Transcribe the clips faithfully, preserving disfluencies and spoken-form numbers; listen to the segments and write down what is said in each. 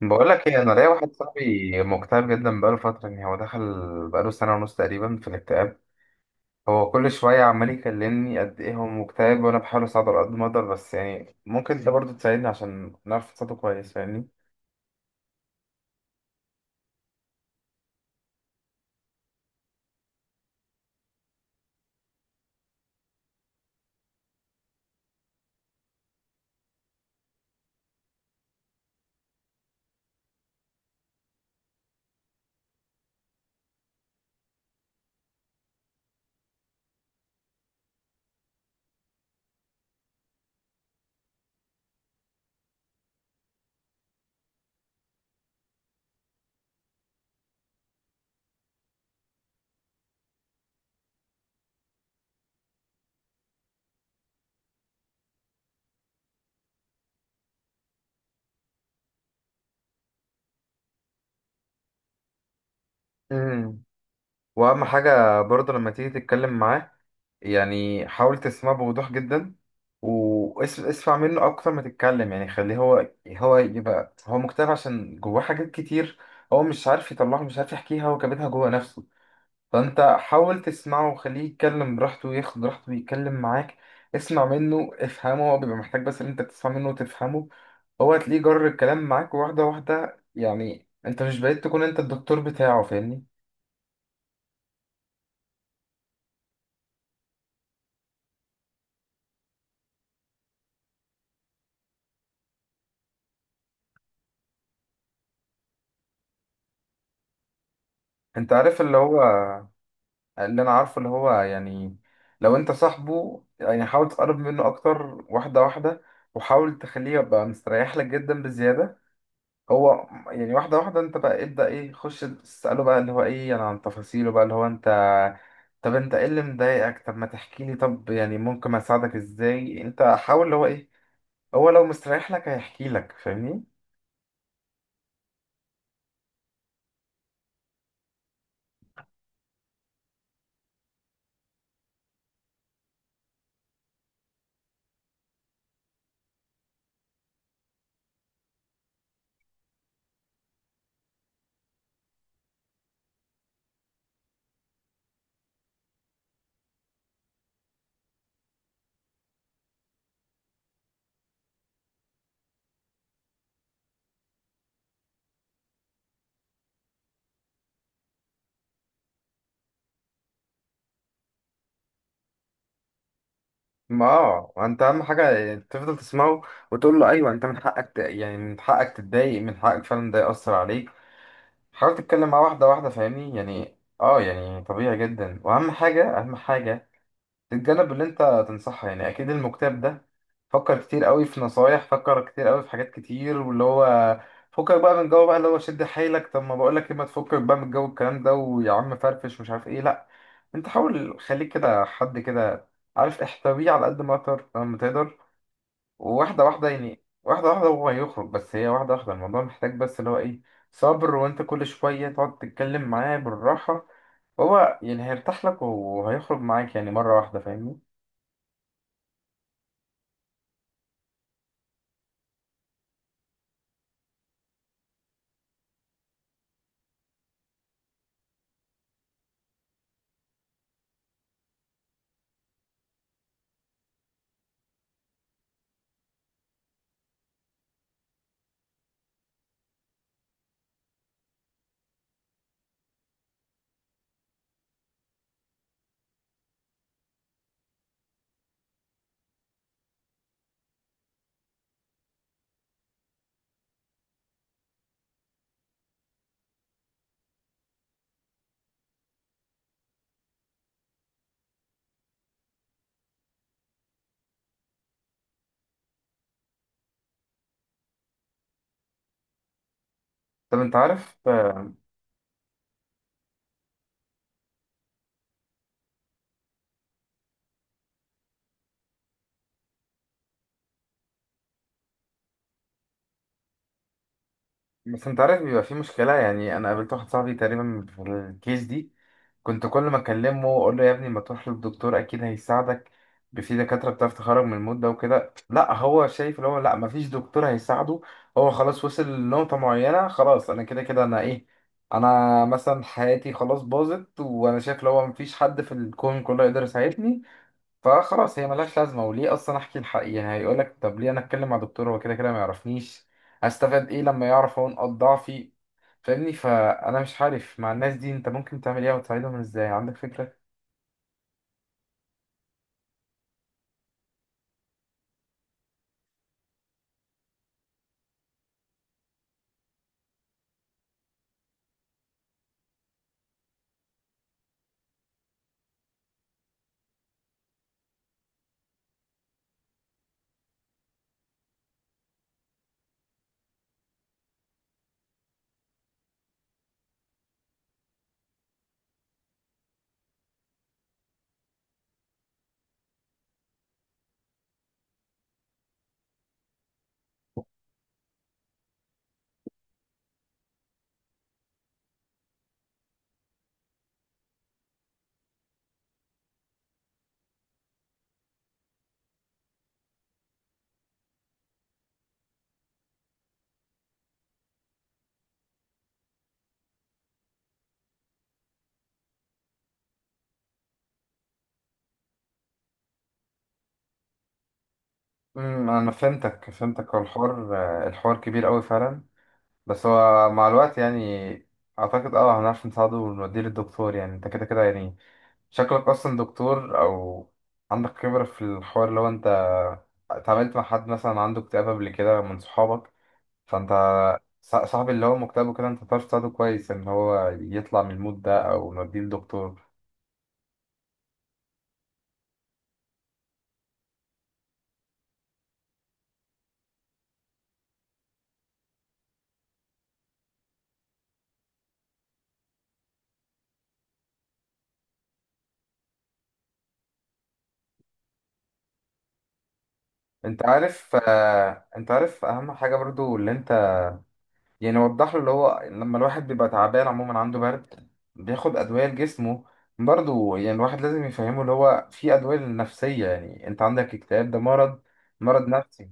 بقول لك ايه، انا ليا واحد صاحبي مكتئب جدا بقاله فتره، يعني هو دخل بقاله سنه ونص تقريبا في الاكتئاب. هو كل شويه عمال يكلمني قد ايه هو مكتئب، وانا بحاول اساعده على قد ما اقدر، بس يعني ممكن انت برضه تساعدني عشان نعرف نساعده كويس، فاهمني؟ امم واهم حاجه برضه لما تيجي تتكلم معاه، يعني حاول تسمعه بوضوح جدا، واسمع منه اكتر ما تتكلم. يعني خليه هو هو يبقى، هو مكتئب عشان جواه حاجات كتير، هو مش عارف يطلعها، مش عارف يحكيها، هو كابتها جوه نفسه. فانت حاول تسمعه وخليه يتكلم براحته وياخد راحته ويتكلم معاك. اسمع منه، افهمه، هو بيبقى محتاج بس ان انت تسمع منه وتفهمه. هو هتلاقيه جر الكلام معاك واحدة واحدة، يعني انت مش بقيت تكون انت الدكتور بتاعه، فاهمني؟ انت عارف اللي هو، اللي انا عارفه اللي هو يعني لو انت صاحبه يعني حاول تقرب منه اكتر، واحدة واحدة، وحاول تخليه يبقى مستريح لك جدا بزيادة. هو يعني واحدة واحدة، انت بقى ابدأ ايه، خش تسأله بقى اللي هو ايه انا عن تفاصيله، بقى اللي هو انت طب انت ايه اللي مضايقك، طب ما تحكي لي، طب يعني ممكن اساعدك ازاي، انت حاول اللي هو ايه، هو لو مستريح لك هيحكي لك، فاهمني؟ ما اه انت اهم حاجة تفضل تسمعه، وتقول له ايوه انت من حقك ت- يعني من حقك تتضايق، من حقك فعلا ده يأثر عليك. حاول تتكلم معاه واحدة واحدة فاهمني، يعني اه يعني طبيعي جدا، واهم حاجة، اهم حاجة الجانب اللي انت تنصحها، يعني اكيد المكتئب ده فكر كتير قوي في نصايح، فكر كتير قوي في حاجات كتير، واللي هو فكك بقى من جو، بقى اللي هو شد حيلك، طب ما بقول لك ايه، ما تفكك بقى من جو الكلام ده، ويا عم فرفش مش عارف ايه، لا، انت حاول خليك كده، حد كده عارف احتويه على قد ما تقدر ما تقدر وواحده واحده، يعني واحده واحده هو هيخرج، بس هي واحده واحده، الموضوع محتاج بس اللي هو ايه، صبر. وانت كل شويه تقعد تتكلم معاه بالراحه، هو يعني هيرتاح لك وهيخرج معاك يعني مره واحده، فاهمني؟ طب انت عارف بس انت عارف بيبقى في مشكلة، يعني انا قابلت واحد صاحبي تقريبا في الكيس دي، كنت كل ما اكلمه اقول له يا ابني ما تروح للدكتور اكيد هيساعدك، في دكاترة بتعرف تخرج من المود ده وكده. لا، هو شايف اللي هو لا، ما فيش دكتور هيساعده، هو خلاص وصل لنقطة معينة، خلاص انا كده كده، انا ايه، انا مثلا حياتي خلاص باظت، وانا شايف اللي هو ما فيش حد في الكون كله يقدر يساعدني، فخلاص هي ملهاش لازمة، وليه أصلا أحكي الحقيقة؟ هيقولك طب ليه أنا أتكلم مع دكتور، هو كده كده ما يعرفنيش، هستفاد إيه لما يعرف هو نقاط ضعفي؟ فاهمني؟ فأنا مش عارف مع الناس دي أنت ممكن تعمل إيه وتساعدهم إزاي، عندك فكرة؟ أمم، أنا فهمتك فهمتك، هو الحوار الحوار كبير أوي فعلا، بس هو مع الوقت يعني أعتقد أه هنعرف نساعده ونوديه للدكتور، يعني أنت كده كده، يعني شكلك أصلا دكتور أو عندك خبرة في الحوار، لو أنت اتعاملت مع حد مثلا عنده اكتئاب قبل كده من صحابك. فانت، ص- صاحبي اللي هو مكتئب وكده انت تعرف تساعده كويس ان هو يطلع من المود ده او نوديه لدكتور. انت عارف آه، انت عارف اهم حاجة برضو اللي انت، يعني وضح له اللي هو لما الواحد بيبقى تعبان عموما، عنده برد بياخد ادوية لجسمه، برضو يعني الواحد لازم يفهمه اللي هو في ادوية للنفسية، يعني انت عندك اكتئاب ده مرض، مرض نفسي.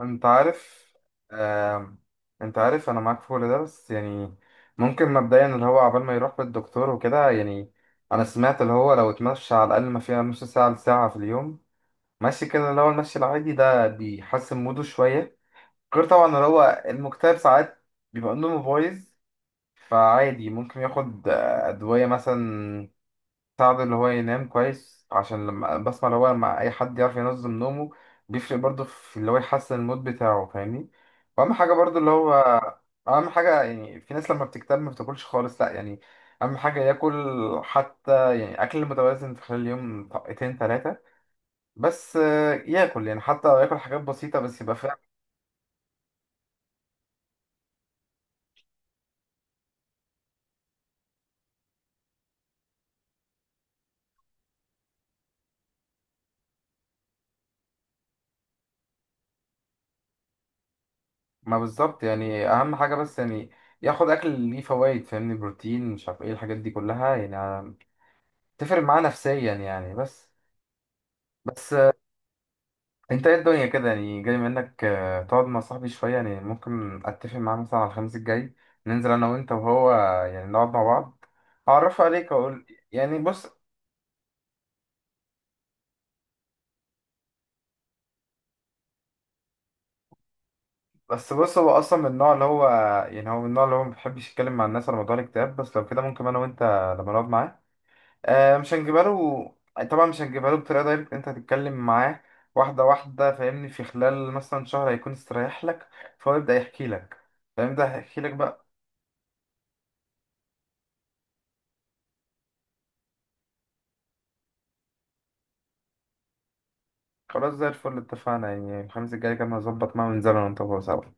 انت عارف آم، انت عارف انا معاك في كل ده، بس يعني ممكن مبدئيا اللي هو عبال ما يروح للدكتور وكده، يعني انا سمعت اللي هو لو اتمشى على الاقل ما فيها نص ساعه لساعه في اليوم، ماشي كده، اللي هو المشي العادي ده بيحسن موده شويه. غير طبعا اللي هو المكتئب ساعات بيبقى نومه بايظ، فعادي ممكن ياخد آه، ادويه مثلا ساعده اللي هو ينام كويس، عشان لما بسمع اللي هو لما أي حد يعرف ينظم نومه بيفرق برضه في اللي هو يحسن المود بتاعه، فاهمني؟ وأهم حاجة برضه اللي هو أهم حاجة، يعني في ناس لما بتكتب ما بتاكلش خالص، لأ يعني أهم حاجة ياكل، حتى يعني أكل متوازن في خلال اليوم، طاقتين تلاتة بس، آه، ياكل يعني حتى لو ياكل حاجات بسيطة بس يبقى فاهم. ما بالظبط، يعني أهم حاجة بس يعني ياخد أكل ليه فوايد، فاهمني؟ بروتين مش عارف إيه، الحاجات دي كلها يعني تفرق معاه نفسيا يعني، بس بس انت ايه الدنيا كده، يعني جاي منك آه، تقعد مع صاحبي شوية، يعني ممكن اتفق معاه مثلا على الخميس الجاي ننزل انا وانت وهو، يعني نقعد مع بعض اعرفه عليك، اقول يعني بص بس بص هو اصلا من النوع اللي هو، يعني هو من النوع اللي هو ما بيحبش يتكلم مع الناس على موضوع الاكتئاب، بس لو كده ممكن انا وانت لما نقعد معاه آه، مش هنجيبها له، طبعا مش هنجيبها له بطريقة دايركت، انت هتتكلم معاه واحدة واحدة فاهمني، في خلال مثلا شهر هيكون استريح لك، فهو يبدأ يحكي لك، فاهم؟ ده هيحكي لك بقى. خلاص، زي الفل، اتفقنا، يعني الخميس الجاي كان هظبط معاه وننزل انا وانت سوا.